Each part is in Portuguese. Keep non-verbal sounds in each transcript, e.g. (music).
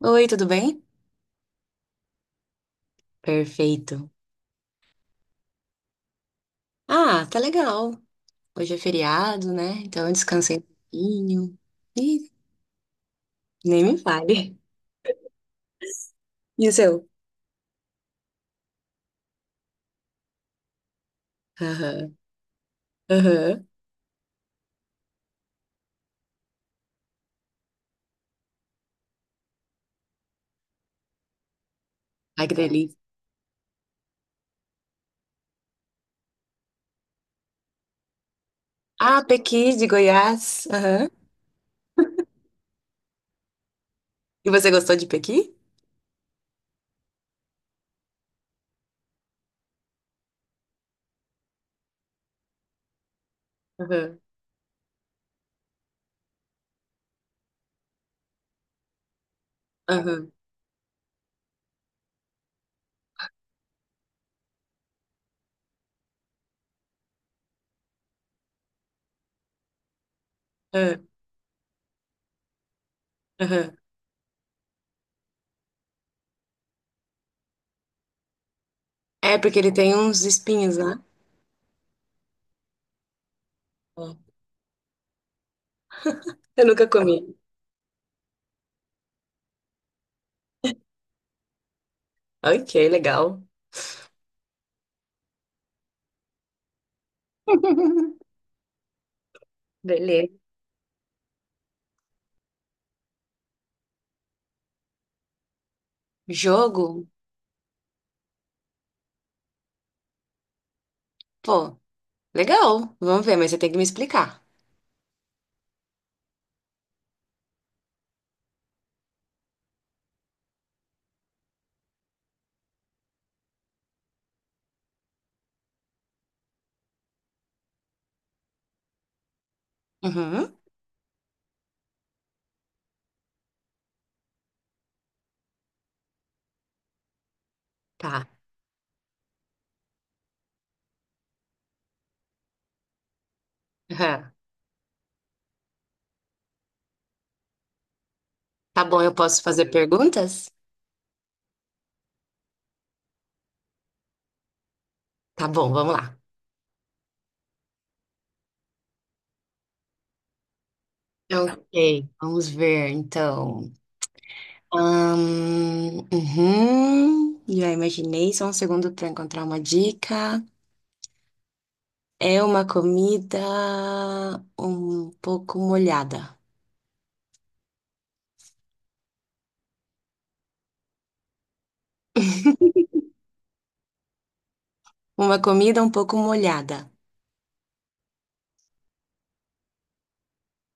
Oi, tudo bem? Perfeito. Ah, tá legal. Hoje é feriado, né? Então eu descansei um pouquinho. Ih, nem me fale. (laughs) E o seu? Aham, aham. Ai, que delícia. Ah, Pequi de Goiás. Aham. E você gostou de Pequi? Aham, aham, aham, aham. É, porque ele tem uns espinhos lá. Ó, eu nunca comi. Ok, legal. (laughs) Beleza. Jogo? Pô, legal. Vamos ver, mas você tem que me explicar. Uhum. Tá. Aham. Tá bom, eu posso fazer perguntas? Tá bom, vamos lá. Ok, vamos ver então. Uhum, já imaginei, só um segundo para encontrar uma dica. É uma comida um pouco molhada. Uma comida um pouco molhada.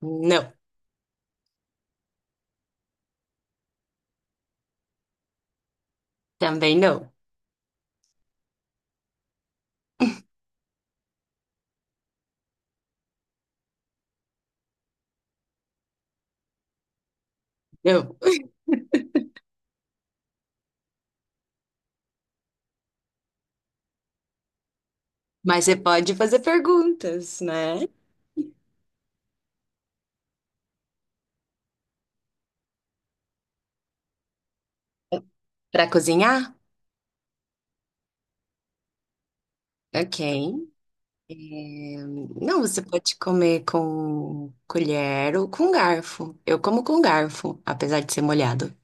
Não, também não. Não. Mas você pode fazer perguntas, né? Para cozinhar? Ok. É, Não, você pode comer com colher ou com garfo. Eu como com garfo, apesar de ser molhado.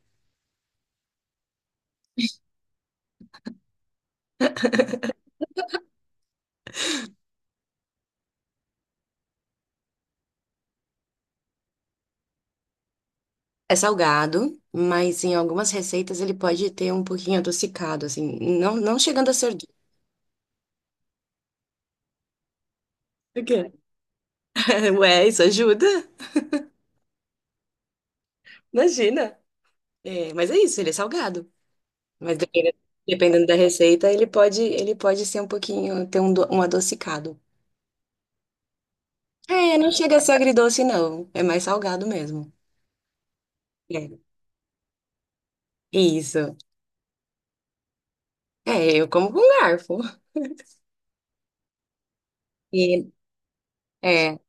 É salgado, mas em algumas receitas ele pode ter um pouquinho adocicado, assim, não chegando a ser doce. Por quê? (laughs) Ué, isso ajuda? Imagina. É, mas é isso, ele é salgado. Mas dependendo, dependendo da receita, ele pode ser um pouquinho, ter um, um adocicado. É, não chega a ser agridoce, não. É mais salgado mesmo. É, isso. É, eu como com garfo. E, é,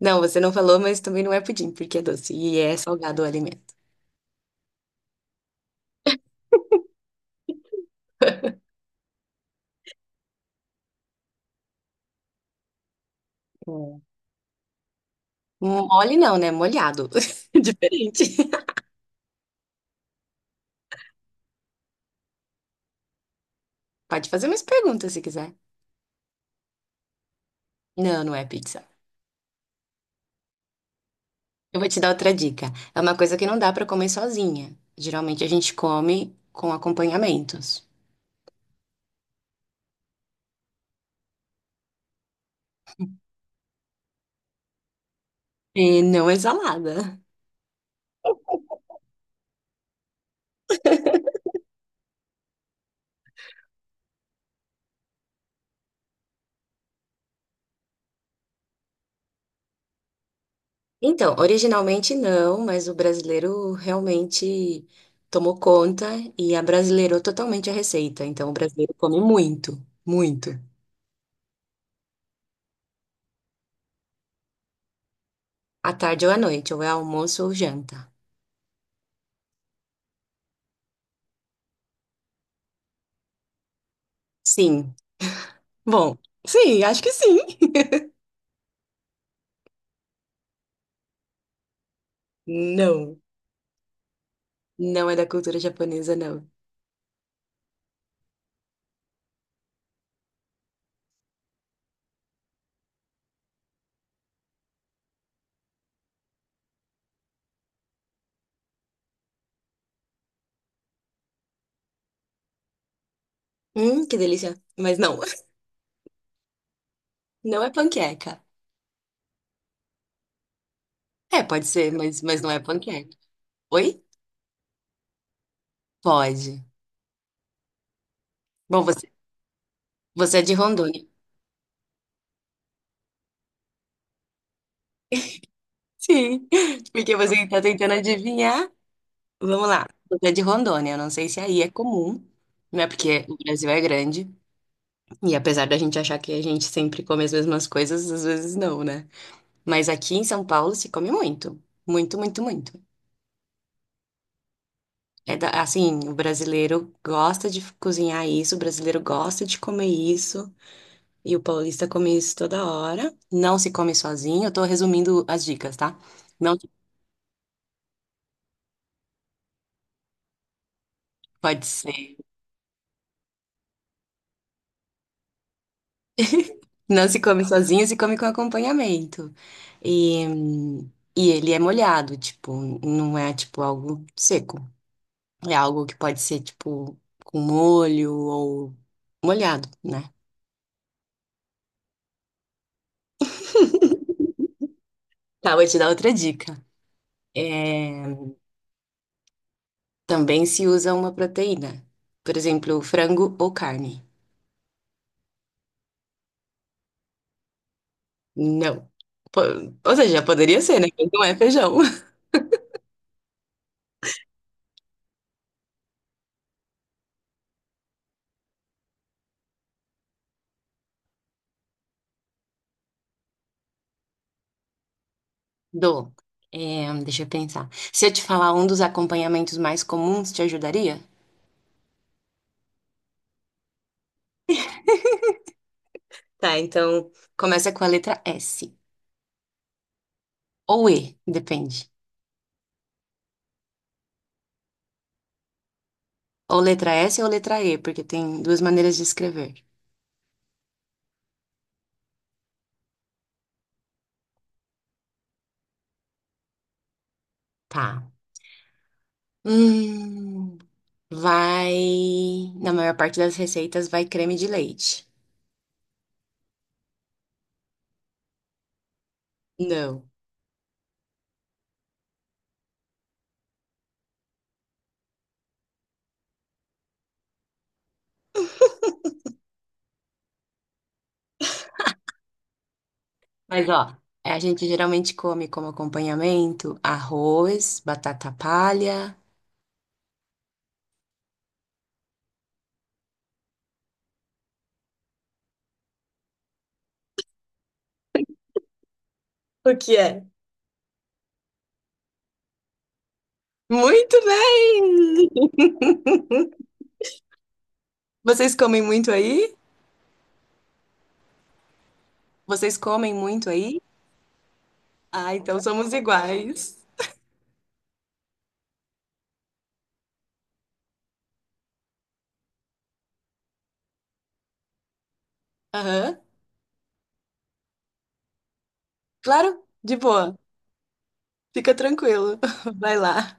não, você não falou, mas também não é pudim, porque é doce e é salgado o alimento. É. Mole não, né? Molhado. (laughs) Diferente. Pode fazer mais perguntas se quiser. Não, não é pizza. Eu vou te dar outra dica. É uma coisa que não dá pra comer sozinha. Geralmente a gente come com acompanhamentos. E não é salada. Então, originalmente não, mas o brasileiro realmente tomou conta e abrasileirou totalmente a receita. Então, o brasileiro come muito, muito. À tarde ou à noite, ou é almoço ou janta. Sim. Bom, sim, acho que sim. Não, não é da cultura japonesa, não. Que delícia. Mas não, (laughs) não é panqueca. É, pode ser, mas não é panqueca. Oi? Pode. Bom, você é de Rondônia. Sim, (laughs) porque você está tentando adivinhar. Vamos lá. Você é de Rondônia, eu não sei se aí é comum, né? Porque o Brasil é grande e apesar da gente achar que a gente sempre come as mesmas coisas, às vezes não, né? Mas aqui em São Paulo se come muito, muito, muito, muito. Assim, o brasileiro gosta de cozinhar isso, o brasileiro gosta de comer isso e o paulista come isso toda hora. Não se come sozinho. Eu tô resumindo as dicas, tá? Não se- pode ser. Não se come sozinho, se come com acompanhamento. E, e ele é molhado, tipo, não é tipo algo seco. É algo que pode ser tipo com molho ou molhado, né? Tá, vou te dar outra dica. É, também se usa uma proteína. Por exemplo, frango ou carne. Não. Po- Ou seja, poderia ser, né? Mas não é feijão. (laughs) Do. É, deixa eu pensar. Se eu te falar um dos acompanhamentos mais comuns, te ajudaria? Tá, então começa com a letra S. Ou E, depende. Ou letra S ou letra E, porque tem duas maneiras de escrever. Tá. Hum, vai. Na maior parte das receitas vai creme de leite. Não. Mas ó, a gente geralmente come como acompanhamento arroz, batata palha. O que é? Muito bem! Vocês comem muito aí? Vocês comem muito aí? Ah, então somos iguais. Aham. Claro, de boa. Fica tranquilo. (laughs) Vai lá.